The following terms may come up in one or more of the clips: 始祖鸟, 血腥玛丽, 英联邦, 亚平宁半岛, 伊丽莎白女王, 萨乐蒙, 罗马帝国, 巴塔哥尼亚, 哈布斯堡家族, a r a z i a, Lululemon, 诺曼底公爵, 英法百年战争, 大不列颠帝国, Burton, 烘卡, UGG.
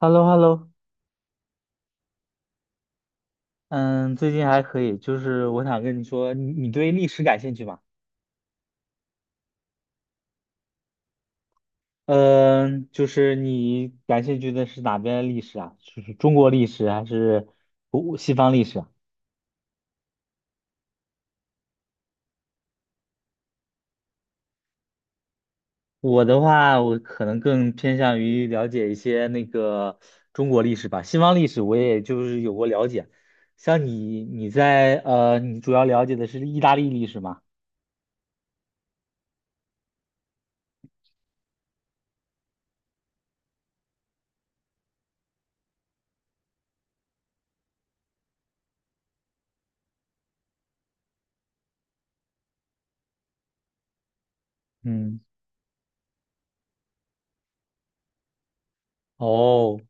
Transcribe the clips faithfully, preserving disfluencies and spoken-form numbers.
h e l l o h e l l o 嗯，最近还可以，就是我想跟你说，你你对历史感兴趣吗？嗯，就是你感兴趣的是哪边的历史啊？就是中国历史还是古西方历史啊？我的话，我可能更偏向于了解一些那个中国历史吧，西方历史我也就是有过了解。像你，你在呃，你主要了解的是意大利历史吗？嗯，哦，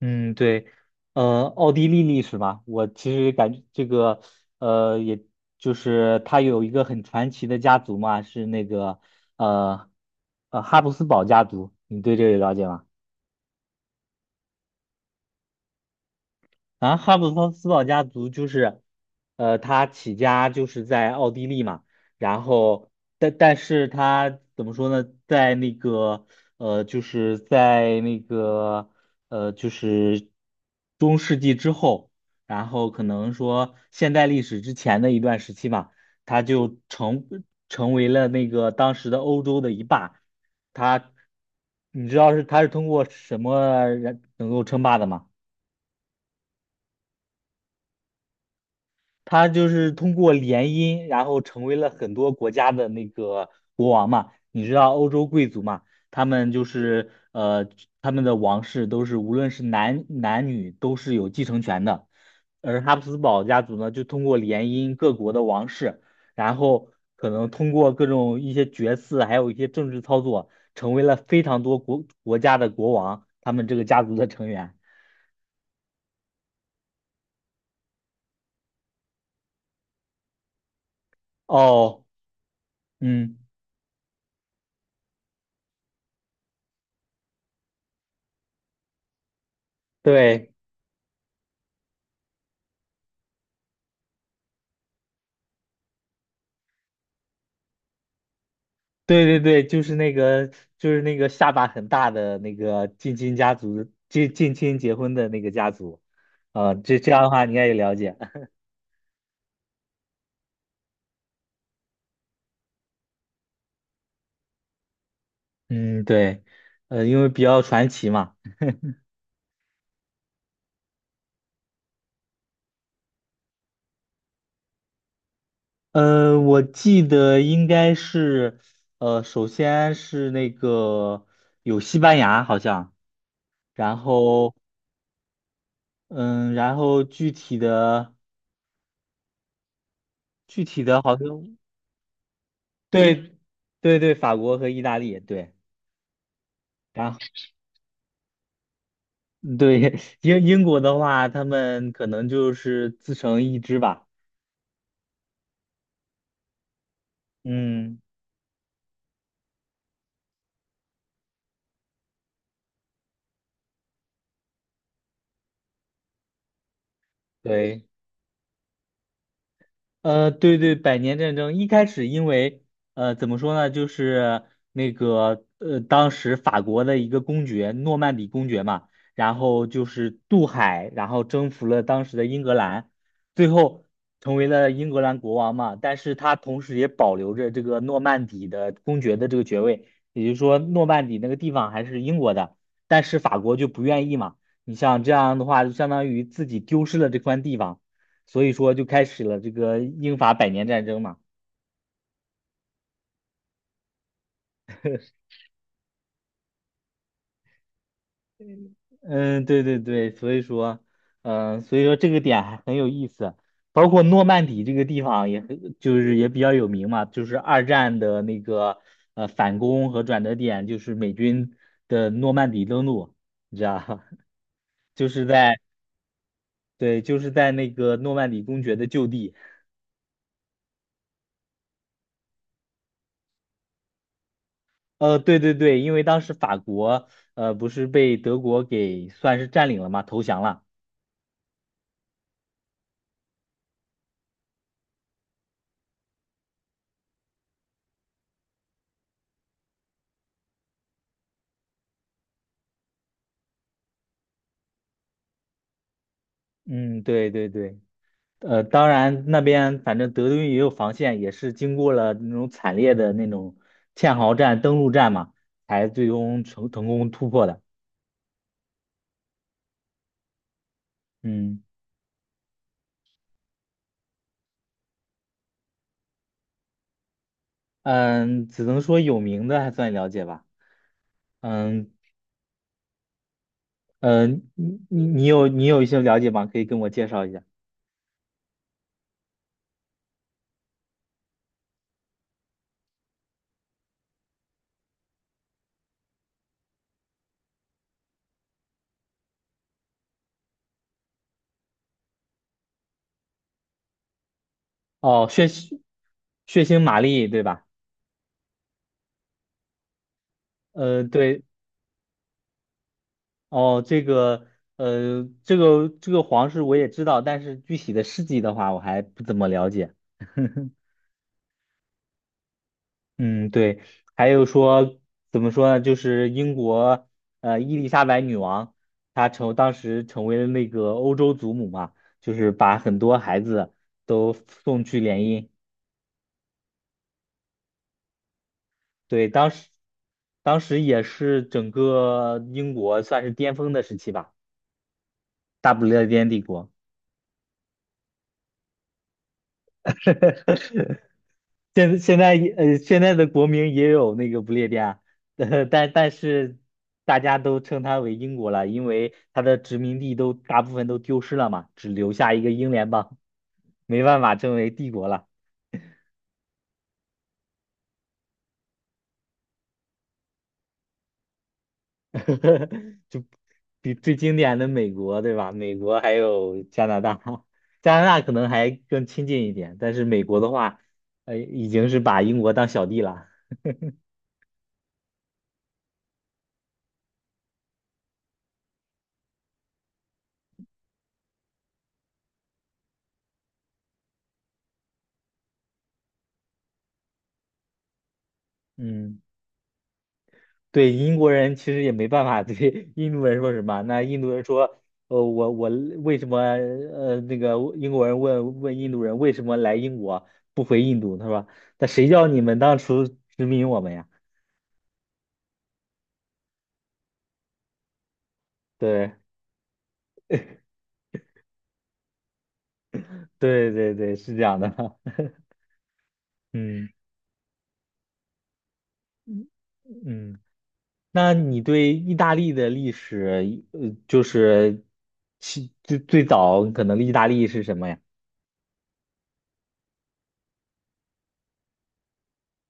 嗯，对。呃，奥地利历史嘛，我其实感觉这个，呃，也就是他有一个很传奇的家族嘛，是那个，呃，呃，哈布斯堡家族，你对这个了解吗？啊，哈布斯斯堡家族就是，呃，他起家就是在奥地利嘛，然后但但是他怎么说呢，在那个呃，就是在那个呃，就是中世纪之后，然后可能说现代历史之前的一段时期嘛，他就成成为了那个当时的欧洲的一霸，他你知道是他是通过什么人能够称霸的吗？他就是通过联姻，然后成为了很多国家的那个国王嘛。你知道欧洲贵族嘛，他们就是呃，他们的王室都是无论是男男女都是有继承权的，而哈布斯堡家族呢，就通过联姻各国的王室，然后可能通过各种一些决策，还有一些政治操作，成为了非常多国国家的国王，他们这个家族的成员。哦，嗯，对。对对对，就是那个，就是那个下巴很大的那个近亲家族，近近亲结婚的那个家族，呃，这这样的话你应该也了解。嗯，对，呃，因为比较传奇嘛。呃，我记得应该是，呃，首先是那个有西班牙好像，然后，嗯，然后具体的具体的好像，对对对，法国和意大利，对。然后。对，英英国的话，他们可能就是自成一支吧。嗯，对。呃，对对，百年战争一开始，因为呃，怎么说呢，就是那个呃，当时法国的一个公爵，诺曼底公爵嘛，然后就是渡海，然后征服了当时的英格兰，最后成为了英格兰国王嘛。但是他同时也保留着这个诺曼底的公爵的这个爵位，也就是说，诺曼底那个地方还是英国的，但是法国就不愿意嘛。你像这样的话，就相当于自己丢失了这块地方。所以说就开始了这个英法百年战争嘛。嗯，对对对，所以说，嗯、所以说这个点还很有意思。包括诺曼底这个地方也很，就是也比较有名嘛，就是二战的那个呃反攻和转折点，就是美军的诺曼底登陆，你知道吧，就是在对，就是在那个诺曼底公爵的旧地。呃，对对对，因为当时法国呃不是被德国给算是占领了嘛，投降了。嗯，对对对。呃，当然那边反正德军也有防线，也是经过了那种惨烈的那种堑壕战、登陆战嘛，才最终成成功突破的。嗯嗯，只能说有名的还算了解吧。嗯嗯，你你你有你有一些了解吗？可以跟我介绍一下。哦，血腥血腥玛丽对吧？呃，对，哦，这个呃，这个这个皇室我也知道，但是具体的事迹的话，我还不怎么了解。嗯，对，还有说怎么说呢？就是英国呃伊丽莎白女王，她成当时成为了那个欧洲祖母嘛，就是把很多孩子都送去联姻。对，当时当时也是整个英国算是巅峰的时期吧，大不列颠帝国。现现在也呃，现在的国名也有那个不列颠，呃，但但是大家都称它为英国了，因为它的殖民地都大部分都丢失了嘛，只留下一个英联邦，没办法称为帝国了。就比最经典的美国，对吧？美国还有加拿大，加拿大可能还更亲近一点，但是美国的话，呃，已经是把英国当小弟了。嗯。对英国人其实也没办法对 印度人说什么。那印度人说，呃，我我为什么呃那个英国人问问印度人为什么来英国不回印度？他说，那谁叫你们当初殖民我们呀？对对对对，是这样的。嗯嗯，嗯那你对意大利的历史，呃，就是其最最早可能意大利是什么呀？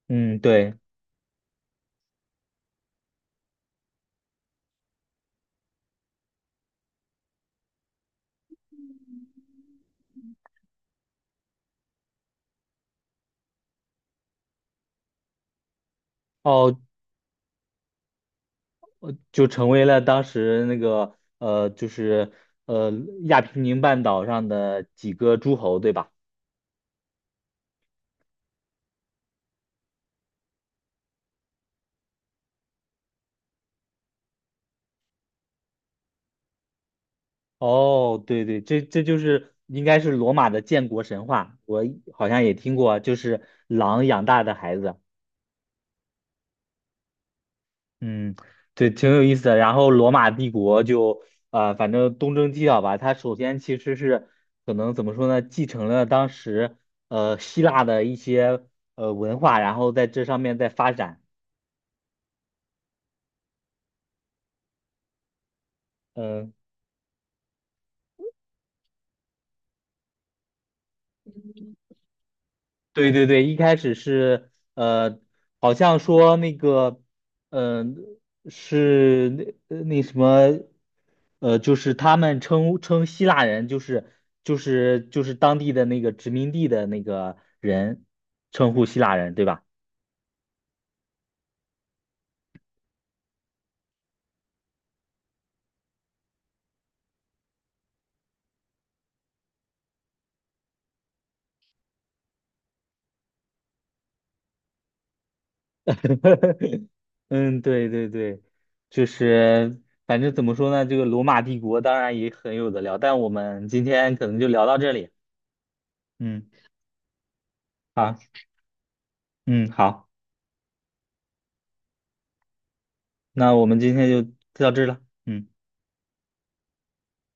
嗯，对。哦。就成为了当时那个呃，就是呃亚平宁半岛上的几个诸侯，对吧？哦，对对，这这就是应该是罗马的建国神话，我好像也听过，就是狼养大的孩子。嗯，对，挺有意思的。然后罗马帝国就呃，反正东征西讨吧，它首先其实是可能怎么说呢，继承了当时呃希腊的一些呃文化，然后在这上面再发展。嗯，对对对，一开始是呃，好像说那个，嗯、是那呃那什么，呃，就是他们称称希腊人，就是就是就是当地的那个殖民地的那个人，称呼希腊人，对吧？嗯，对对对，就是反正怎么说呢，这个罗马帝国当然也很有的聊，但我们今天可能就聊到这里。嗯，好，嗯，好。那我们今天就到这儿了，嗯。